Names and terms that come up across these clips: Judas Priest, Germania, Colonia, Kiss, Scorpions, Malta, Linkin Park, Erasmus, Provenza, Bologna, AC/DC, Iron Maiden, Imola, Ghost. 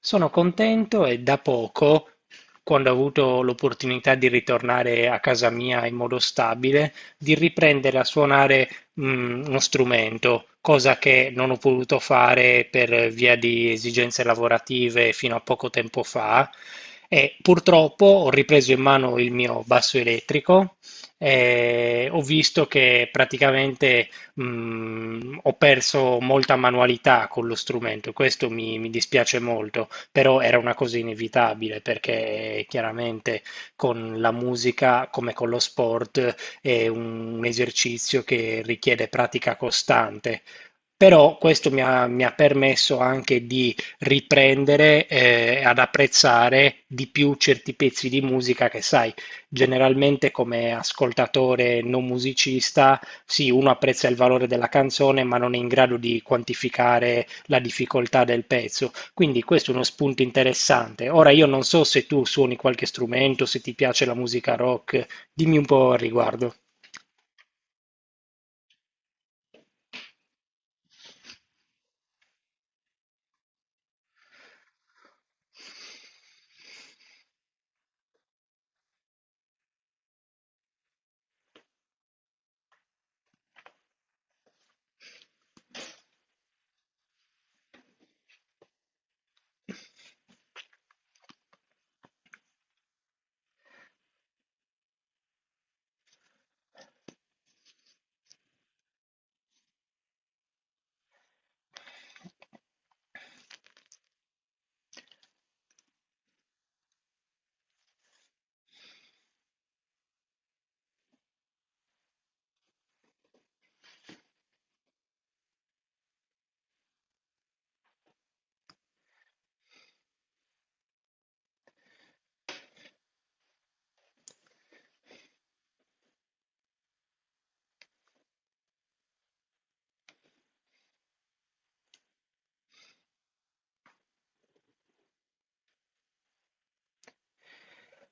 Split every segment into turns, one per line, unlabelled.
Sono contento e da poco, quando ho avuto l'opportunità di ritornare a casa mia in modo stabile, di riprendere a suonare, uno strumento, cosa che non ho potuto fare per via di esigenze lavorative fino a poco tempo fa. E purtroppo ho ripreso in mano il mio basso elettrico e ho visto che praticamente ho perso molta manualità con lo strumento, questo mi dispiace molto, però era una cosa inevitabile perché chiaramente con la musica, come con lo sport, è un esercizio che richiede pratica costante. Però questo mi ha permesso anche di riprendere ad apprezzare di più certi pezzi di musica che, sai, generalmente come ascoltatore non musicista, sì, uno apprezza il valore della canzone, ma non è in grado di quantificare la difficoltà del pezzo. Quindi questo è uno spunto interessante. Ora io non so se tu suoni qualche strumento, se ti piace la musica rock, dimmi un po' al riguardo.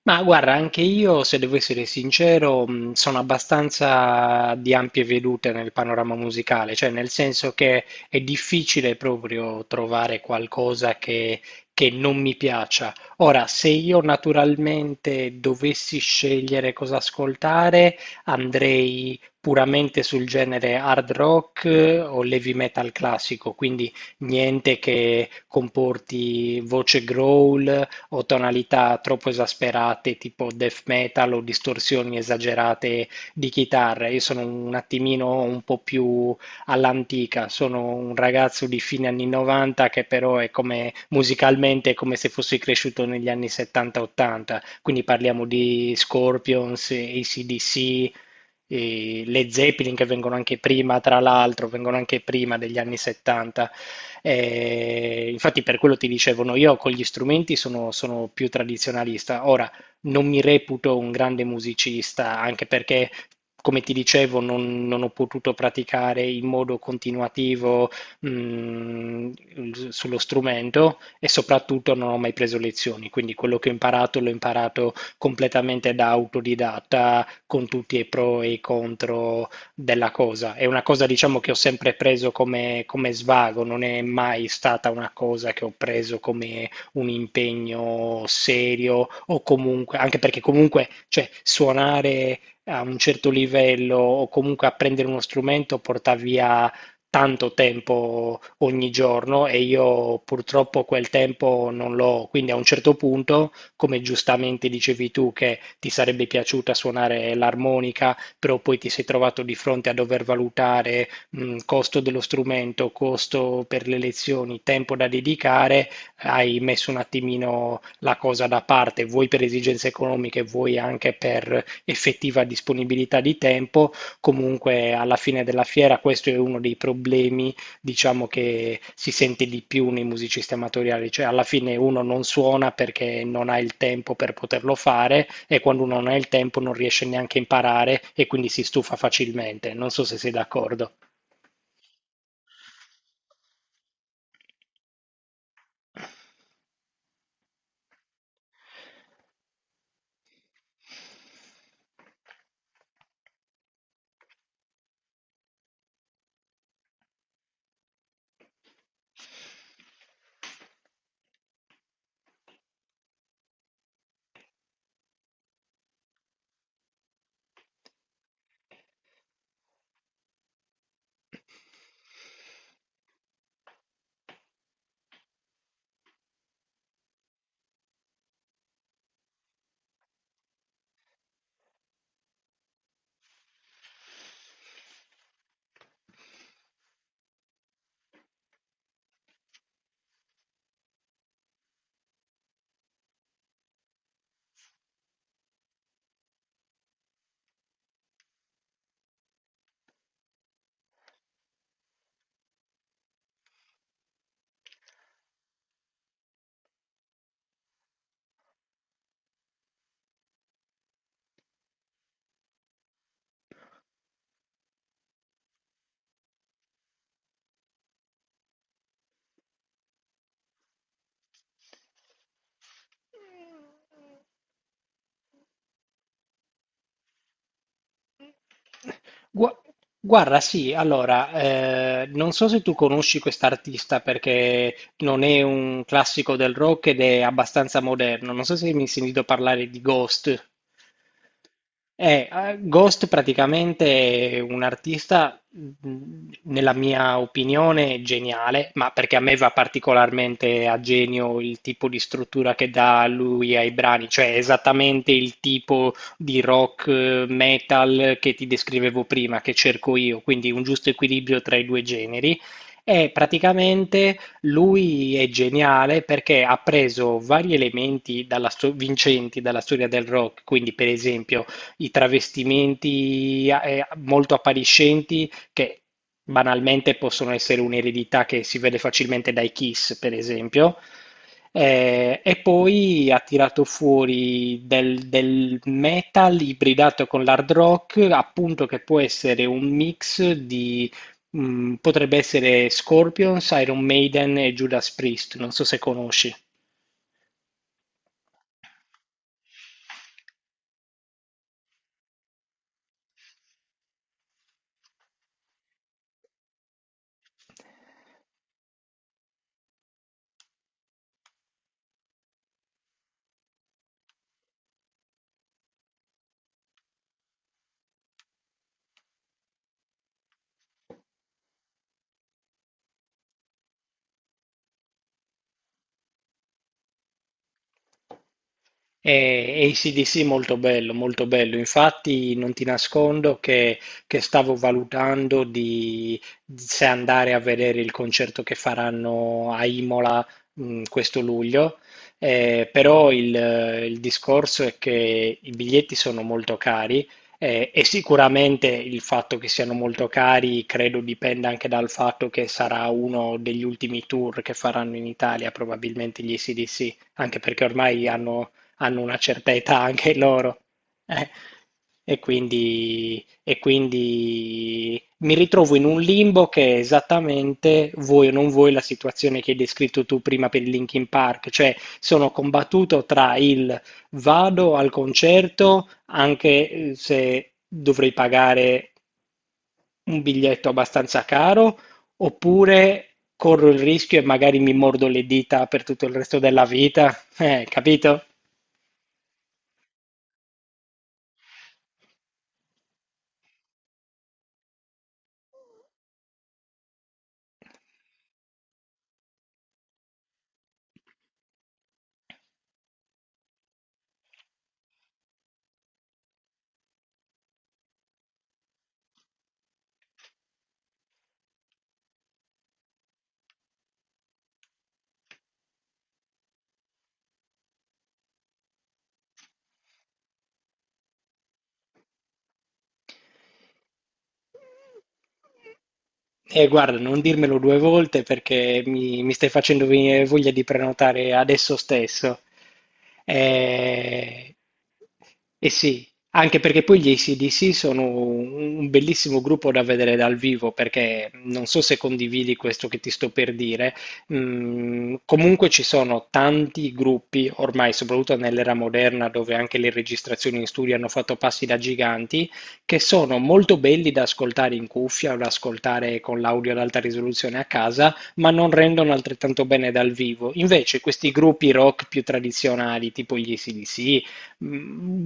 Ma guarda, anche io, se devo essere sincero, sono abbastanza di ampie vedute nel panorama musicale, cioè nel senso che è difficile proprio trovare qualcosa che non mi piaccia. Ora, se io naturalmente dovessi scegliere cosa ascoltare, andrei puramente sul genere hard rock o heavy metal classico, quindi niente che comporti voce growl o tonalità troppo esasperate, tipo death metal o distorsioni esagerate di chitarra. Io sono un attimino un po' più all'antica, sono un ragazzo di fine anni 90 che però è come musicalmente è come se fossi cresciuto negli anni 70-80, quindi parliamo di Scorpions, AC/DC, e le Zeppelin che vengono anche prima, tra l'altro, vengono anche prima degli anni 70. Infatti per quello ti dicevano io con gli strumenti sono più tradizionalista. Ora, non mi reputo un grande musicista, anche perché, come ti dicevo, non ho potuto praticare in modo continuativo, mm, sullo strumento e soprattutto non ho mai preso lezioni, quindi quello che ho imparato l'ho imparato completamente da autodidatta, con tutti i pro e i contro della cosa. È una cosa, diciamo, che ho sempre preso come svago, non è mai stata una cosa che ho preso come un impegno serio o comunque, anche perché comunque, cioè, suonare a un certo livello o comunque apprendere uno strumento porta via tanto tempo ogni giorno e io purtroppo quel tempo non l'ho, quindi a un certo punto, come giustamente dicevi tu, che ti sarebbe piaciuta suonare l'armonica, però poi ti sei trovato di fronte a dover valutare costo dello strumento, costo per le lezioni, tempo da dedicare, hai messo un attimino la cosa da parte, vuoi per esigenze economiche, vuoi anche per effettiva disponibilità di tempo. Comunque alla fine della fiera questo è uno dei problemi diciamo che si sente di più nei musicisti amatoriali, cioè alla fine uno non suona perché non ha il tempo per poterlo fare e quando uno non ha il tempo non riesce neanche a imparare e quindi si stufa facilmente. Non so se sei d'accordo. Gua- Guarda, sì, allora, non so se tu conosci quest'artista perché non è un classico del rock ed è abbastanza moderno. Non so se mi hai sentito parlare di Ghost. Ghost praticamente è un artista, nella mia opinione, geniale, ma perché a me va particolarmente a genio il tipo di struttura che dà lui ai brani, cioè esattamente il tipo di rock, metal che ti descrivevo prima, che cerco io, quindi un giusto equilibrio tra i due generi. E praticamente lui è geniale perché ha preso vari elementi vincenti dalla storia del rock, quindi per esempio i travestimenti molto appariscenti che banalmente possono essere un'eredità che si vede facilmente dai Kiss, per esempio. E poi ha tirato fuori del metal ibridato con l'hard rock, appunto, che può essere un mix di, potrebbe essere Scorpions, Iron Maiden e Judas Priest, non so se conosci. E AC/DC molto bello, molto bello. Infatti non ti nascondo che stavo valutando di, se andare a vedere il concerto che faranno a Imola, questo luglio. Però il discorso è che i biglietti sono molto cari, e sicuramente il fatto che siano molto cari credo dipenda anche dal fatto che sarà uno degli ultimi tour che faranno in Italia, probabilmente gli AC/DC, anche perché ormai hanno una certa età anche loro. Eh, e quindi mi ritrovo in un limbo che è esattamente, vuoi o non vuoi, la situazione che hai descritto tu prima per il Linkin Park, cioè sono combattuto tra il vado al concerto anche se dovrei pagare un biglietto abbastanza caro, oppure corro il rischio e magari mi mordo le dita per tutto il resto della vita, capito? Guarda, non dirmelo due volte perché mi stai facendo venire voglia di prenotare adesso stesso. Eh, eh sì, anche perché poi gli AC/DC sono un bellissimo gruppo da vedere dal vivo, perché non so se condividi questo che ti sto per dire, comunque ci sono tanti gruppi, ormai soprattutto nell'era moderna, dove anche le registrazioni in studio hanno fatto passi da giganti, che sono molto belli da ascoltare in cuffia o da ascoltare con l'audio ad alta risoluzione a casa, ma non rendono altrettanto bene dal vivo. Invece questi gruppi rock più tradizionali, tipo gli ac,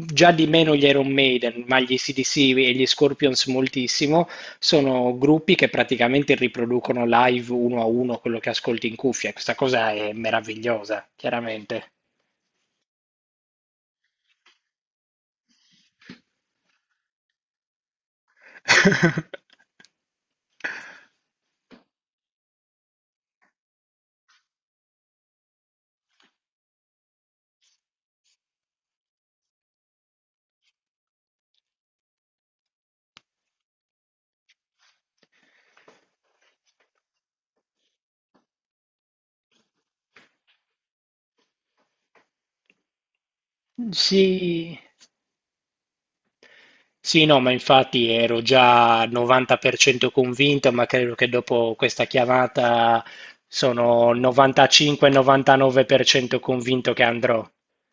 già di meno gli Iron Maiden, ma gli ac e gli Scorpions moltissimo, sono gruppi che praticamente riproducono live uno a uno quello che ascolti in cuffia. Questa cosa è meravigliosa, chiaramente. Sì. Sì, no, ma infatti ero già al 90% convinto, ma credo che dopo questa chiamata sono 95-99% convinto che andrò.